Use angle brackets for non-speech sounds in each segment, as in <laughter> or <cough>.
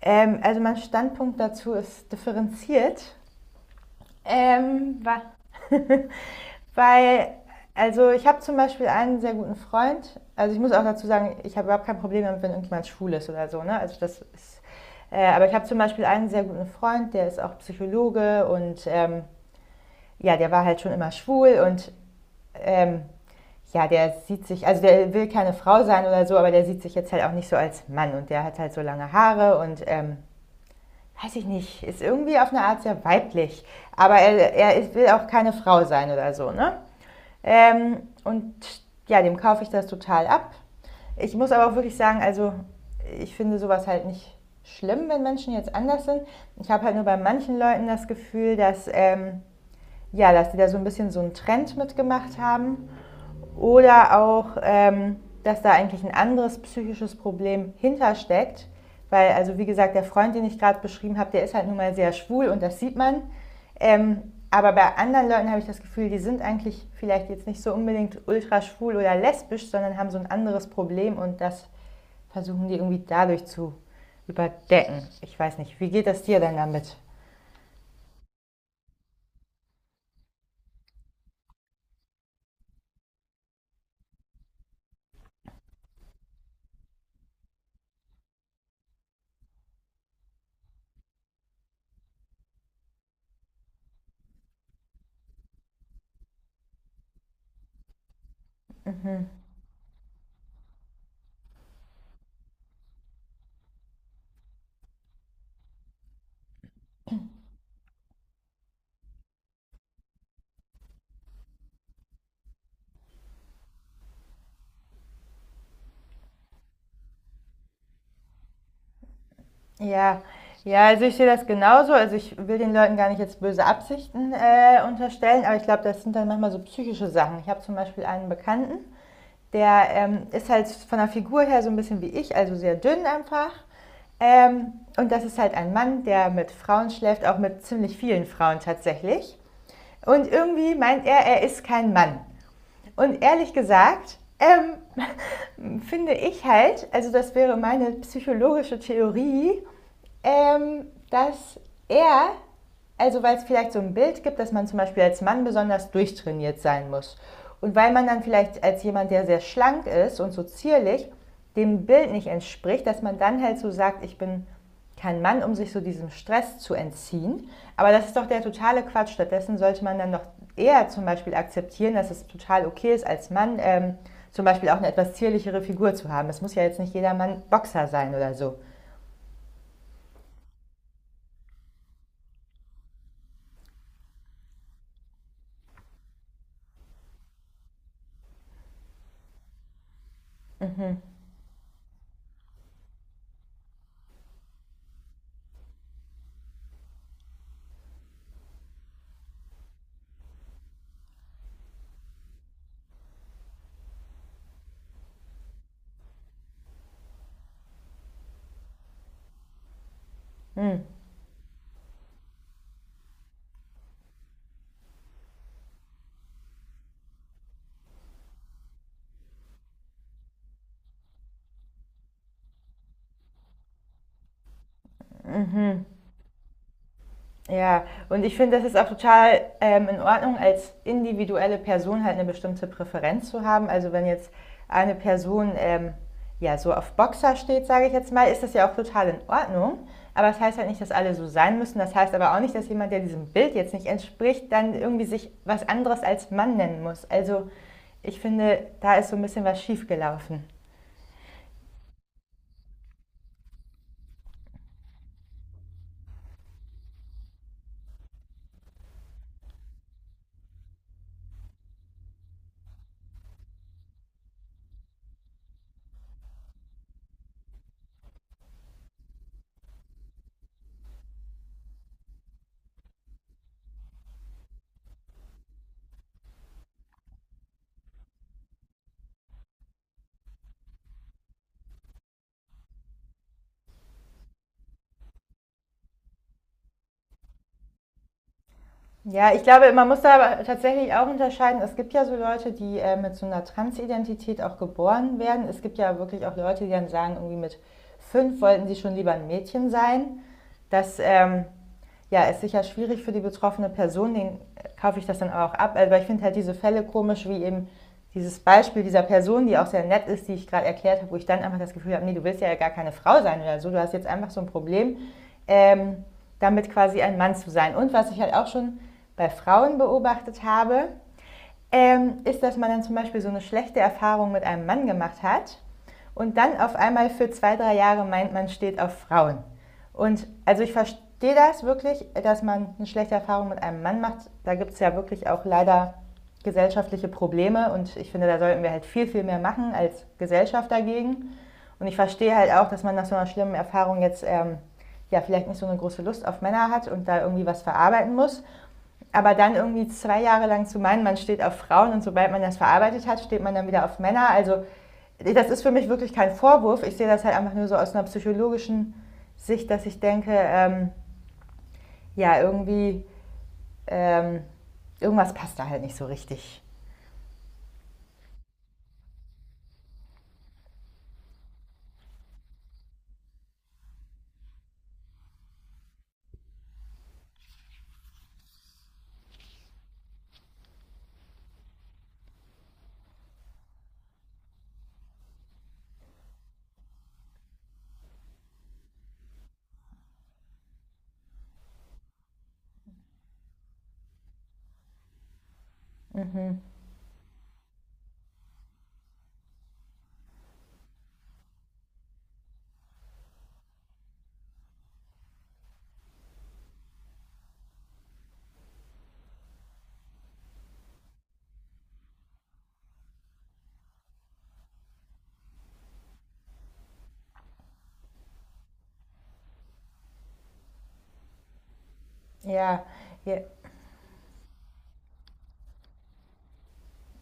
Also mein Standpunkt dazu ist differenziert, ähm, <laughs> weil also ich habe zum Beispiel einen sehr guten Freund. Also ich muss auch dazu sagen, ich habe überhaupt kein Problem damit, wenn irgendjemand schwul ist oder so. Ne? Also das ist, aber ich habe zum Beispiel einen sehr guten Freund, der ist auch Psychologe und ja, der war halt schon immer schwul und ähm, ja, der sieht sich, also der will keine Frau sein oder so, aber der sieht sich jetzt halt auch nicht so als Mann und der hat halt so lange Haare und weiß ich nicht, ist irgendwie auf eine Art sehr weiblich. Aber er ist, will auch keine Frau sein oder so, ne? Und ja, dem kaufe ich das total ab. Ich muss aber auch wirklich sagen, also ich finde sowas halt nicht schlimm, wenn Menschen jetzt anders sind. Ich habe halt nur bei manchen Leuten das Gefühl, dass, ja, dass die da so ein bisschen so einen Trend mitgemacht haben oder auch, dass da eigentlich ein anderes psychisches Problem hintersteckt. Weil, also wie gesagt, der Freund, den ich gerade beschrieben habe, der ist halt nun mal sehr schwul und das sieht man. Ähm, aber bei anderen Leuten habe ich das Gefühl, die sind eigentlich vielleicht jetzt nicht so unbedingt ultra schwul oder lesbisch, sondern haben so ein anderes Problem und das versuchen die irgendwie dadurch zu überdecken. Ich weiß nicht, wie geht das dir denn damit? Ja, ja, also ich sehe das genauso. Also ich will den Leuten gar nicht jetzt böse Absichten unterstellen, aber ich glaube, das sind dann manchmal so psychische Sachen. Ich habe zum Beispiel einen Bekannten, der ist halt von der Figur her so ein bisschen wie ich, also sehr dünn einfach. Und das ist halt ein Mann, der mit Frauen schläft, auch mit ziemlich vielen Frauen tatsächlich. Und irgendwie meint er, er ist kein Mann. Und ehrlich gesagt, <laughs> finde ich halt, also das wäre meine psychologische Theorie, ähm, dass er, also weil es vielleicht so ein Bild gibt, dass man zum Beispiel als Mann besonders durchtrainiert sein muss. Und weil man dann vielleicht als jemand, der sehr schlank ist und so zierlich, dem Bild nicht entspricht, dass man dann halt so sagt, ich bin kein Mann, um sich so diesem Stress zu entziehen. Aber das ist doch der totale Quatsch. Stattdessen sollte man dann doch eher zum Beispiel akzeptieren, dass es total okay ist, als Mann zum Beispiel auch eine etwas zierlichere Figur zu haben. Es muss ja jetzt nicht jeder Mann Boxer sein oder so. Ja, und ich finde, das ist auch total in Ordnung, als individuelle Person halt eine bestimmte Präferenz zu haben. Also wenn jetzt eine Person ja so auf Boxer steht, sage ich jetzt mal, ist das ja auch total in Ordnung. Aber das heißt halt nicht, dass alle so sein müssen. Das heißt aber auch nicht, dass jemand, der diesem Bild jetzt nicht entspricht, dann irgendwie sich was anderes als Mann nennen muss. Also ich finde, da ist so ein bisschen was schiefgelaufen. Ja, ich glaube, man muss da aber tatsächlich auch unterscheiden. Es gibt ja so Leute, die mit so einer Transidentität auch geboren werden. Es gibt ja wirklich auch Leute, die dann sagen, irgendwie mit 5 wollten sie schon lieber ein Mädchen sein. Das ja, ist sicher schwierig für die betroffene Person, den kaufe ich das dann auch ab. Aber ich finde halt diese Fälle komisch, wie eben dieses Beispiel dieser Person, die auch sehr nett ist, die ich gerade erklärt habe, wo ich dann einfach das Gefühl habe, nee, du willst ja gar keine Frau sein oder so, du hast jetzt einfach so ein Problem, ähm, damit quasi ein Mann zu sein. Und was ich halt auch schon bei Frauen beobachtet habe, ist, dass man dann zum Beispiel so eine schlechte Erfahrung mit einem Mann gemacht hat und dann auf einmal für 2, 3 Jahre meint, man steht auf Frauen. Und also ich verstehe das wirklich, dass man eine schlechte Erfahrung mit einem Mann macht. Da gibt es ja wirklich auch leider gesellschaftliche Probleme und ich finde, da sollten wir halt viel, viel mehr machen als Gesellschaft dagegen. Und ich verstehe halt auch, dass man nach so einer schlimmen Erfahrung jetzt ja vielleicht nicht so eine große Lust auf Männer hat und da irgendwie was verarbeiten muss. Aber dann irgendwie 2 Jahre lang zu meinen, man steht auf Frauen und sobald man das verarbeitet hat, steht man dann wieder auf Männer. Also das ist für mich wirklich kein Vorwurf. Ich sehe das halt einfach nur so aus einer psychologischen Sicht, dass ich denke, ja, irgendwie, ähm, irgendwas passt da halt nicht so richtig. Ja, ja,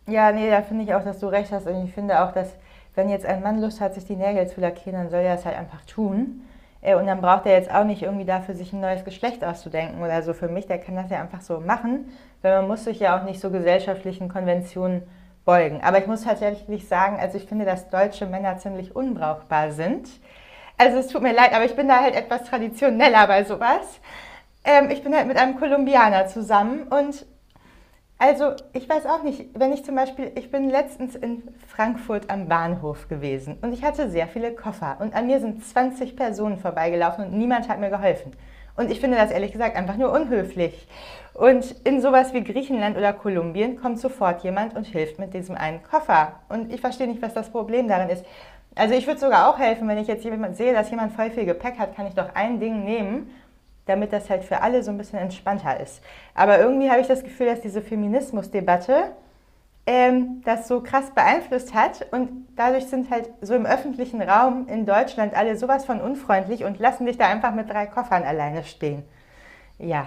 ja, nee, da finde ich auch, dass du recht hast. Und ich finde auch, dass wenn jetzt ein Mann Lust hat, sich die Nägel zu lackieren, dann soll er es halt einfach tun. Und dann braucht er jetzt auch nicht irgendwie dafür, sich ein neues Geschlecht auszudenken oder so. Für mich, der kann das ja einfach so machen, weil man muss sich ja auch nicht so gesellschaftlichen Konventionen beugen. Aber ich muss tatsächlich sagen, also ich finde, dass deutsche Männer ziemlich unbrauchbar sind. Also es tut mir leid, aber ich bin da halt etwas traditioneller bei sowas. Ich bin halt mit einem Kolumbianer zusammen und also ich weiß auch nicht, wenn ich zum Beispiel, ich bin letztens in Frankfurt am Bahnhof gewesen und ich hatte sehr viele Koffer und an mir sind 20 Personen vorbeigelaufen und niemand hat mir geholfen. Und ich finde das ehrlich gesagt einfach nur unhöflich. Und in sowas wie Griechenland oder Kolumbien kommt sofort jemand und hilft mit diesem einen Koffer. Und ich verstehe nicht, was das Problem darin ist. Also ich würde sogar auch helfen, wenn ich jetzt jemand sehe, dass jemand voll viel Gepäck hat, kann ich doch ein Ding nehmen damit das halt für alle so ein bisschen entspannter ist. Aber irgendwie habe ich das Gefühl, dass diese Feminismusdebatte das so krass beeinflusst hat und dadurch sind halt so im öffentlichen Raum in Deutschland alle sowas von unfreundlich und lassen dich da einfach mit 3 Koffern alleine stehen. Ja,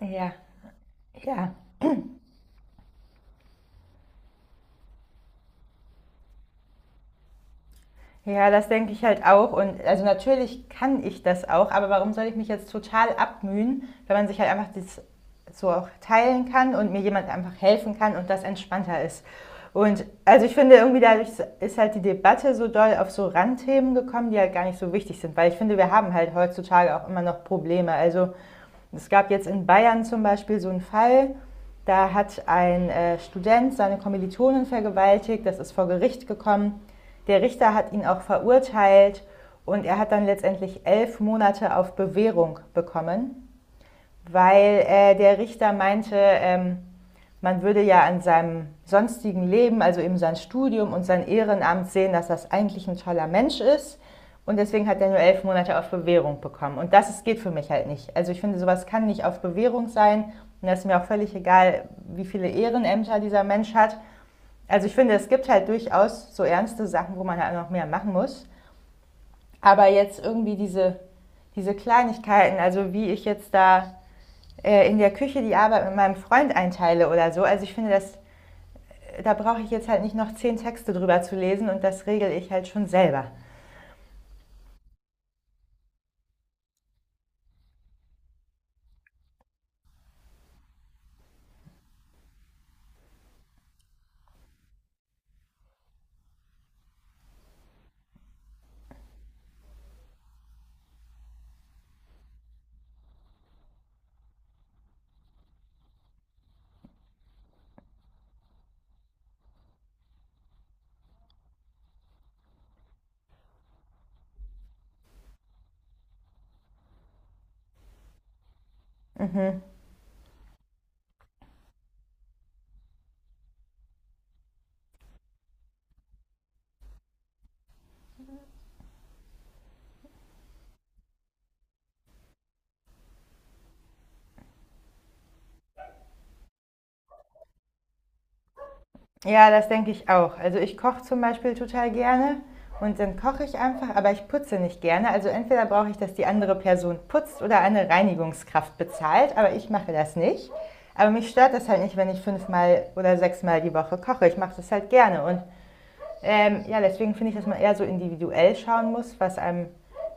ja, ja. Ja, das denke ich halt auch. Und also natürlich kann ich das auch, aber warum soll ich mich jetzt total abmühen, wenn man sich halt einfach das so auch teilen kann und mir jemand einfach helfen kann und das entspannter ist. Und also ich finde irgendwie dadurch ist halt die Debatte so doll auf so Randthemen gekommen, die halt gar nicht so wichtig sind, weil ich finde, wir haben halt heutzutage auch immer noch Probleme. Also es gab jetzt in Bayern zum Beispiel so einen Fall, da hat ein Student seine Kommilitonen vergewaltigt, das ist vor Gericht gekommen. Der Richter hat ihn auch verurteilt und er hat dann letztendlich 11 Monate auf Bewährung bekommen, weil der Richter meinte, man würde ja an seinem sonstigen Leben, also eben sein Studium und sein Ehrenamt sehen, dass das eigentlich ein toller Mensch ist. Und deswegen hat er nur 11 Monate auf Bewährung bekommen. Und das geht für mich halt nicht. Also ich finde, sowas kann nicht auf Bewährung sein. Und das ist mir auch völlig egal, wie viele Ehrenämter dieser Mensch hat. Also ich finde, es gibt halt durchaus so ernste Sachen, wo man halt noch mehr machen muss. Aber jetzt irgendwie diese Kleinigkeiten, also wie ich jetzt da in der Küche die Arbeit mit meinem Freund einteile oder so. Also ich finde, das da brauche ich jetzt halt nicht noch 10 Texte drüber zu lesen und das regel ich halt schon selber. Ja, das denke ich auch. Also ich koche zum Beispiel total gerne und dann koche ich einfach, aber ich putze nicht gerne. Also entweder brauche ich, dass die andere Person putzt oder eine Reinigungskraft bezahlt, aber ich mache das nicht. Aber mich stört das halt nicht, wenn ich fünfmal oder sechsmal die Woche koche. Ich mache das halt gerne und ja, deswegen finde ich, dass man eher so individuell schauen muss, was einem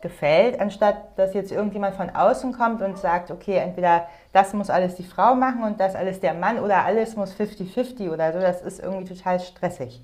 gefällt, anstatt dass jetzt irgendjemand von außen kommt und sagt, okay, entweder das muss alles die Frau machen und das alles der Mann oder alles muss fifty-fifty oder so. Das ist irgendwie total stressig.